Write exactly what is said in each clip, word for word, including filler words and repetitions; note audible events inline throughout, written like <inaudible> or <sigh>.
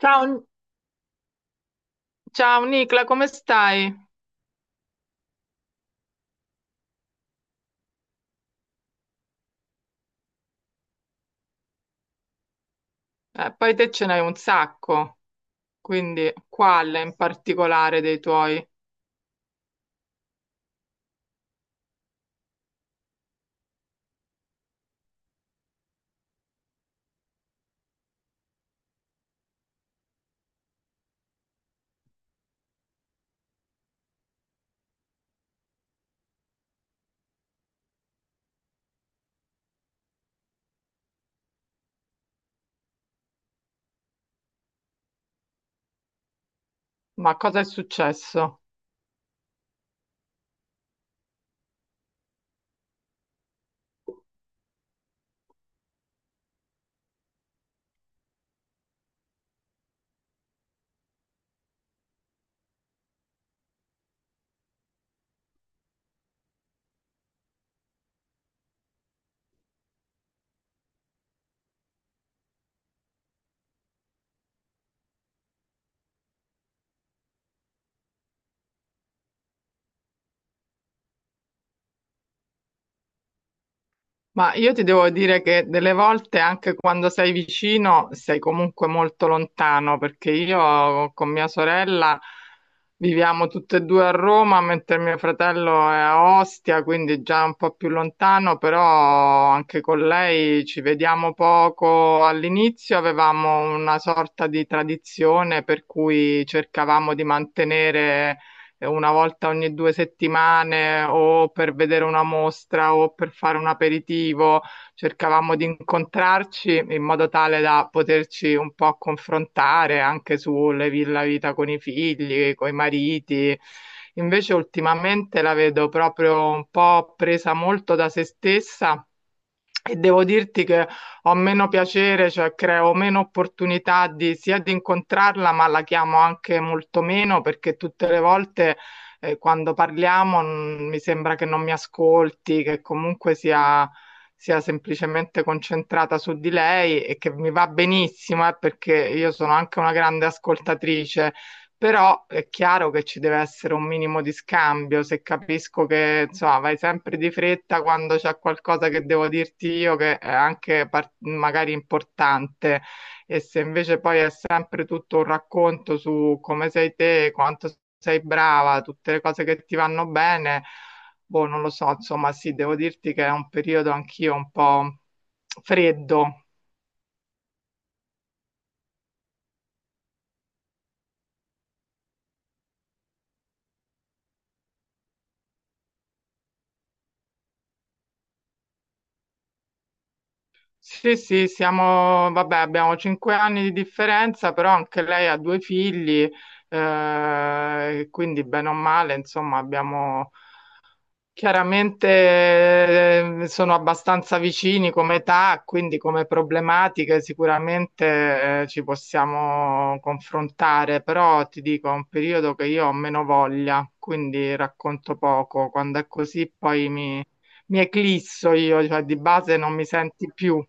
Ciao, ciao Nicla, come stai? Eh, poi te ce n'hai un sacco, quindi quale in particolare dei tuoi? Ma cosa è successo? Ma io ti devo dire che delle volte, anche quando sei vicino, sei comunque molto lontano, perché io con mia sorella viviamo tutte e due a Roma, mentre mio fratello è a Ostia, quindi già un po' più lontano, però anche con lei ci vediamo poco. All'inizio avevamo una sorta di tradizione per cui cercavamo di mantenere eh, una volta ogni due settimane o per vedere una mostra o per fare un aperitivo, cercavamo di incontrarci in modo tale da poterci un po' confrontare anche sulle vi- la vita con i figli, con i mariti. Invece ultimamente la vedo proprio un po' presa molto da se stessa e devo dirti che ho meno piacere, cioè creo meno opportunità di, sia di incontrarla, ma la chiamo anche molto meno perché tutte le volte eh, quando parliamo mm, mi sembra che non mi ascolti, che comunque sia, sia semplicemente concentrata su di lei e che mi va benissimo, eh, perché io sono anche una grande ascoltatrice, però è chiaro che ci deve essere un minimo di scambio, se capisco che insomma vai sempre di fretta quando c'è qualcosa che devo dirti io che è anche par- magari importante, e se invece poi è sempre tutto un racconto su come sei te, quanto sei brava, tutte le cose che ti vanno bene, boh, non lo so, insomma sì, devo dirti che è un periodo anch'io un po' freddo. Sì, sì, siamo, vabbè, abbiamo cinque anni di differenza, però anche lei ha due figli, eh, quindi bene o male, insomma, abbiamo chiaramente, eh, sono abbastanza vicini come età, quindi come problematiche sicuramente, eh, ci possiamo confrontare, però ti dico, è un periodo che io ho meno voglia, quindi racconto poco. Quando è così poi mi, mi eclisso io, cioè di base non mi senti più.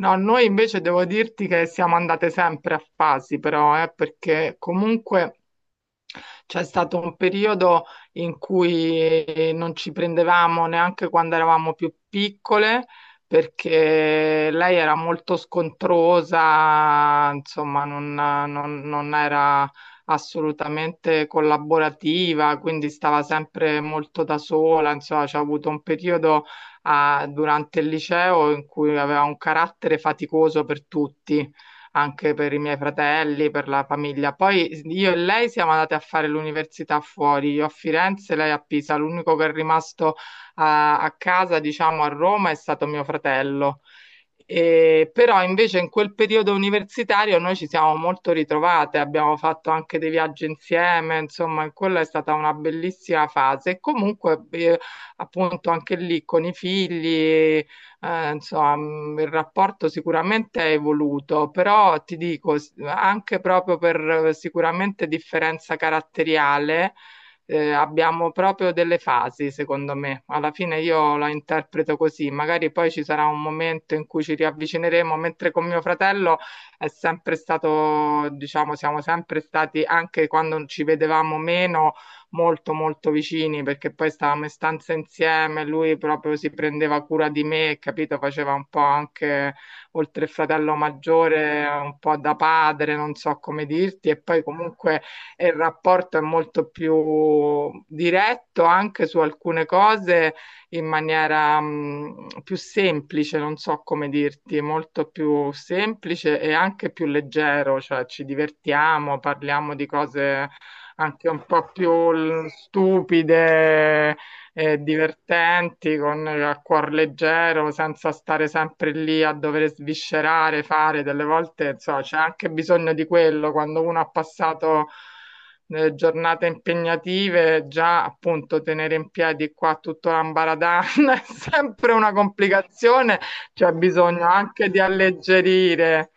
No, noi invece devo dirti che siamo andate sempre a fasi, però, eh, perché comunque c'è stato un periodo in cui non ci prendevamo neanche quando eravamo più piccole, perché lei era molto scontrosa, insomma, non, non- non era assolutamente collaborativa, quindi stava sempre molto da sola, insomma, c'è avuto un periodo ah, durante il liceo in cui aveva un carattere faticoso per tutti, anche per i miei fratelli, per la famiglia. Poi io e lei siamo andate a fare l'università fuori, io a Firenze, lei a Pisa. L'unico che è rimasto a, a casa, diciamo, a Roma è stato mio fratello. E- però invece in quel periodo universitario noi ci siamo molto ritrovate, abbiamo fatto anche dei viaggi insieme, insomma, quella è stata una bellissima fase. E comunque, eh, appunto, anche lì con i figli, eh, insomma, mh, il rapporto sicuramente è evoluto, però ti dico, s- anche proprio per eh, sicuramente differenza caratteriale, eh, abbiamo proprio delle fasi, secondo me. Alla fine io la interpreto così, magari poi ci sarà un momento in cui ci riavvicineremo, mentre con mio fratello è sempre stato, diciamo, siamo sempre stati, anche quando ci vedevamo meno, molto molto vicini, perché poi stavamo in stanza insieme, lui proprio si prendeva cura di me, capito? Faceva un po' anche, oltre il fratello maggiore, un po' da padre, non so come dirti, e poi comunque e il rapporto è molto più diretto anche su alcune cose in maniera mh, più semplice, non so come dirti, molto più semplice e anche più leggero, cioè ci divertiamo, parliamo di cose anche un po' più l- stupide, eh, divertenti, con il cuor leggero, senza stare sempre lì a dover sviscerare, fare delle volte, insomma, c'è anche bisogno di quello quando uno ha passato eh, giornate impegnative, già appunto tenere in piedi qua tutto l'ambaradan <laughs> è sempre una complicazione, c'è bisogno anche di alleggerire.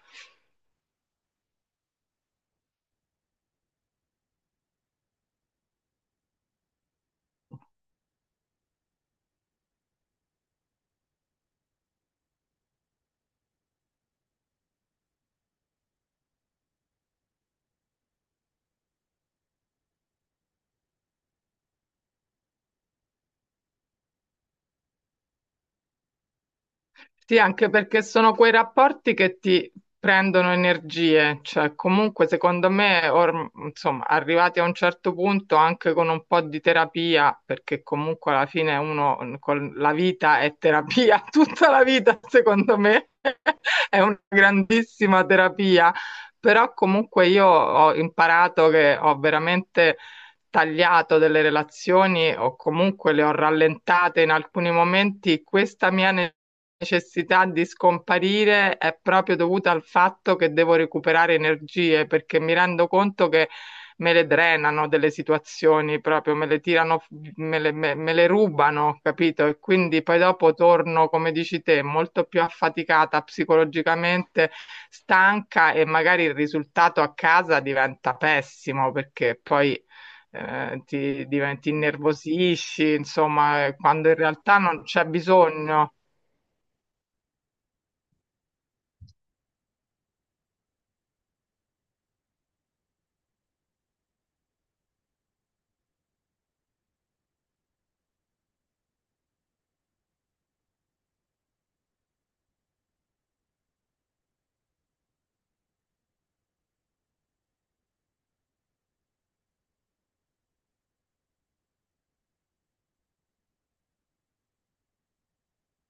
Sì, anche perché sono quei rapporti che ti prendono energie, cioè comunque secondo me, orm- insomma, arrivati a un certo punto anche con un po' di terapia, perché comunque alla fine uno mm, con la vita è terapia, <laughs> tutta la vita secondo me <laughs> è una grandissima terapia, però comunque io ho imparato che ho veramente tagliato delle relazioni o comunque le ho rallentate in alcuni momenti. Questa mia necessità di scomparire è proprio dovuta al fatto che devo recuperare energie, perché mi rendo conto che me le drenano delle situazioni, proprio me le tirano, me le, me- me le rubano, capito? E quindi poi dopo torno, come dici te, molto più affaticata psicologicamente, stanca, e magari il risultato a casa diventa pessimo, perché poi eh, ti, diventi- ti innervosisci, insomma, eh, quando in realtà non c'è bisogno.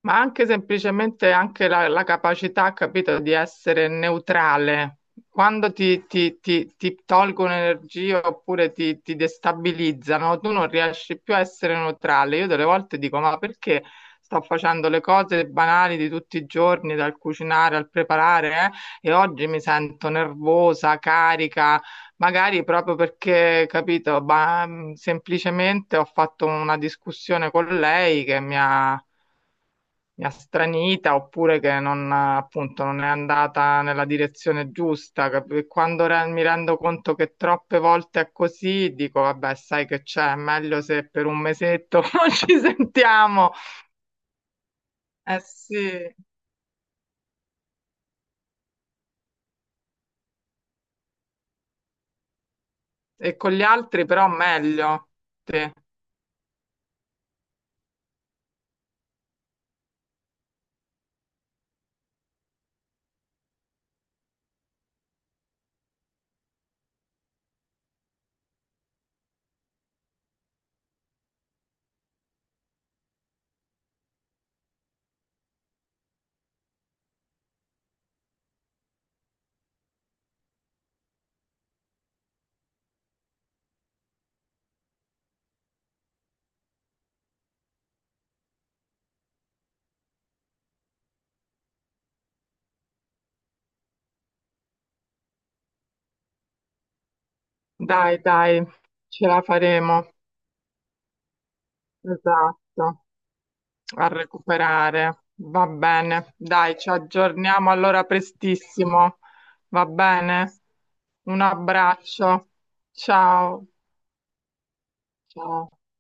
Ma anche semplicemente anche la, la capacità, capito, di essere neutrale. Quando ti, ti- ti- ti tolgono energia oppure ti, ti destabilizzano, tu non riesci più a essere neutrale. Io delle volte dico, ma perché sto facendo le cose banali di tutti i giorni, dal cucinare al preparare, eh, e oggi mi sento nervosa, carica, magari proprio perché, capito, ma, mm, semplicemente ho fatto una discussione con lei che mi ha mi ha stranita, oppure che non, appunto, non è andata nella direzione giusta. cap- e Quando re- mi rendo conto che troppe volte è così, dico, vabbè, sai che c'è, è meglio se per un mesetto <laughs> non ci sentiamo. Eh sì, e con gli altri però meglio. Sì. Dai, dai, ce la faremo. Esatto. A recuperare. Va bene, dai, ci aggiorniamo allora prestissimo. Va bene? Un abbraccio. Ciao. Ciao.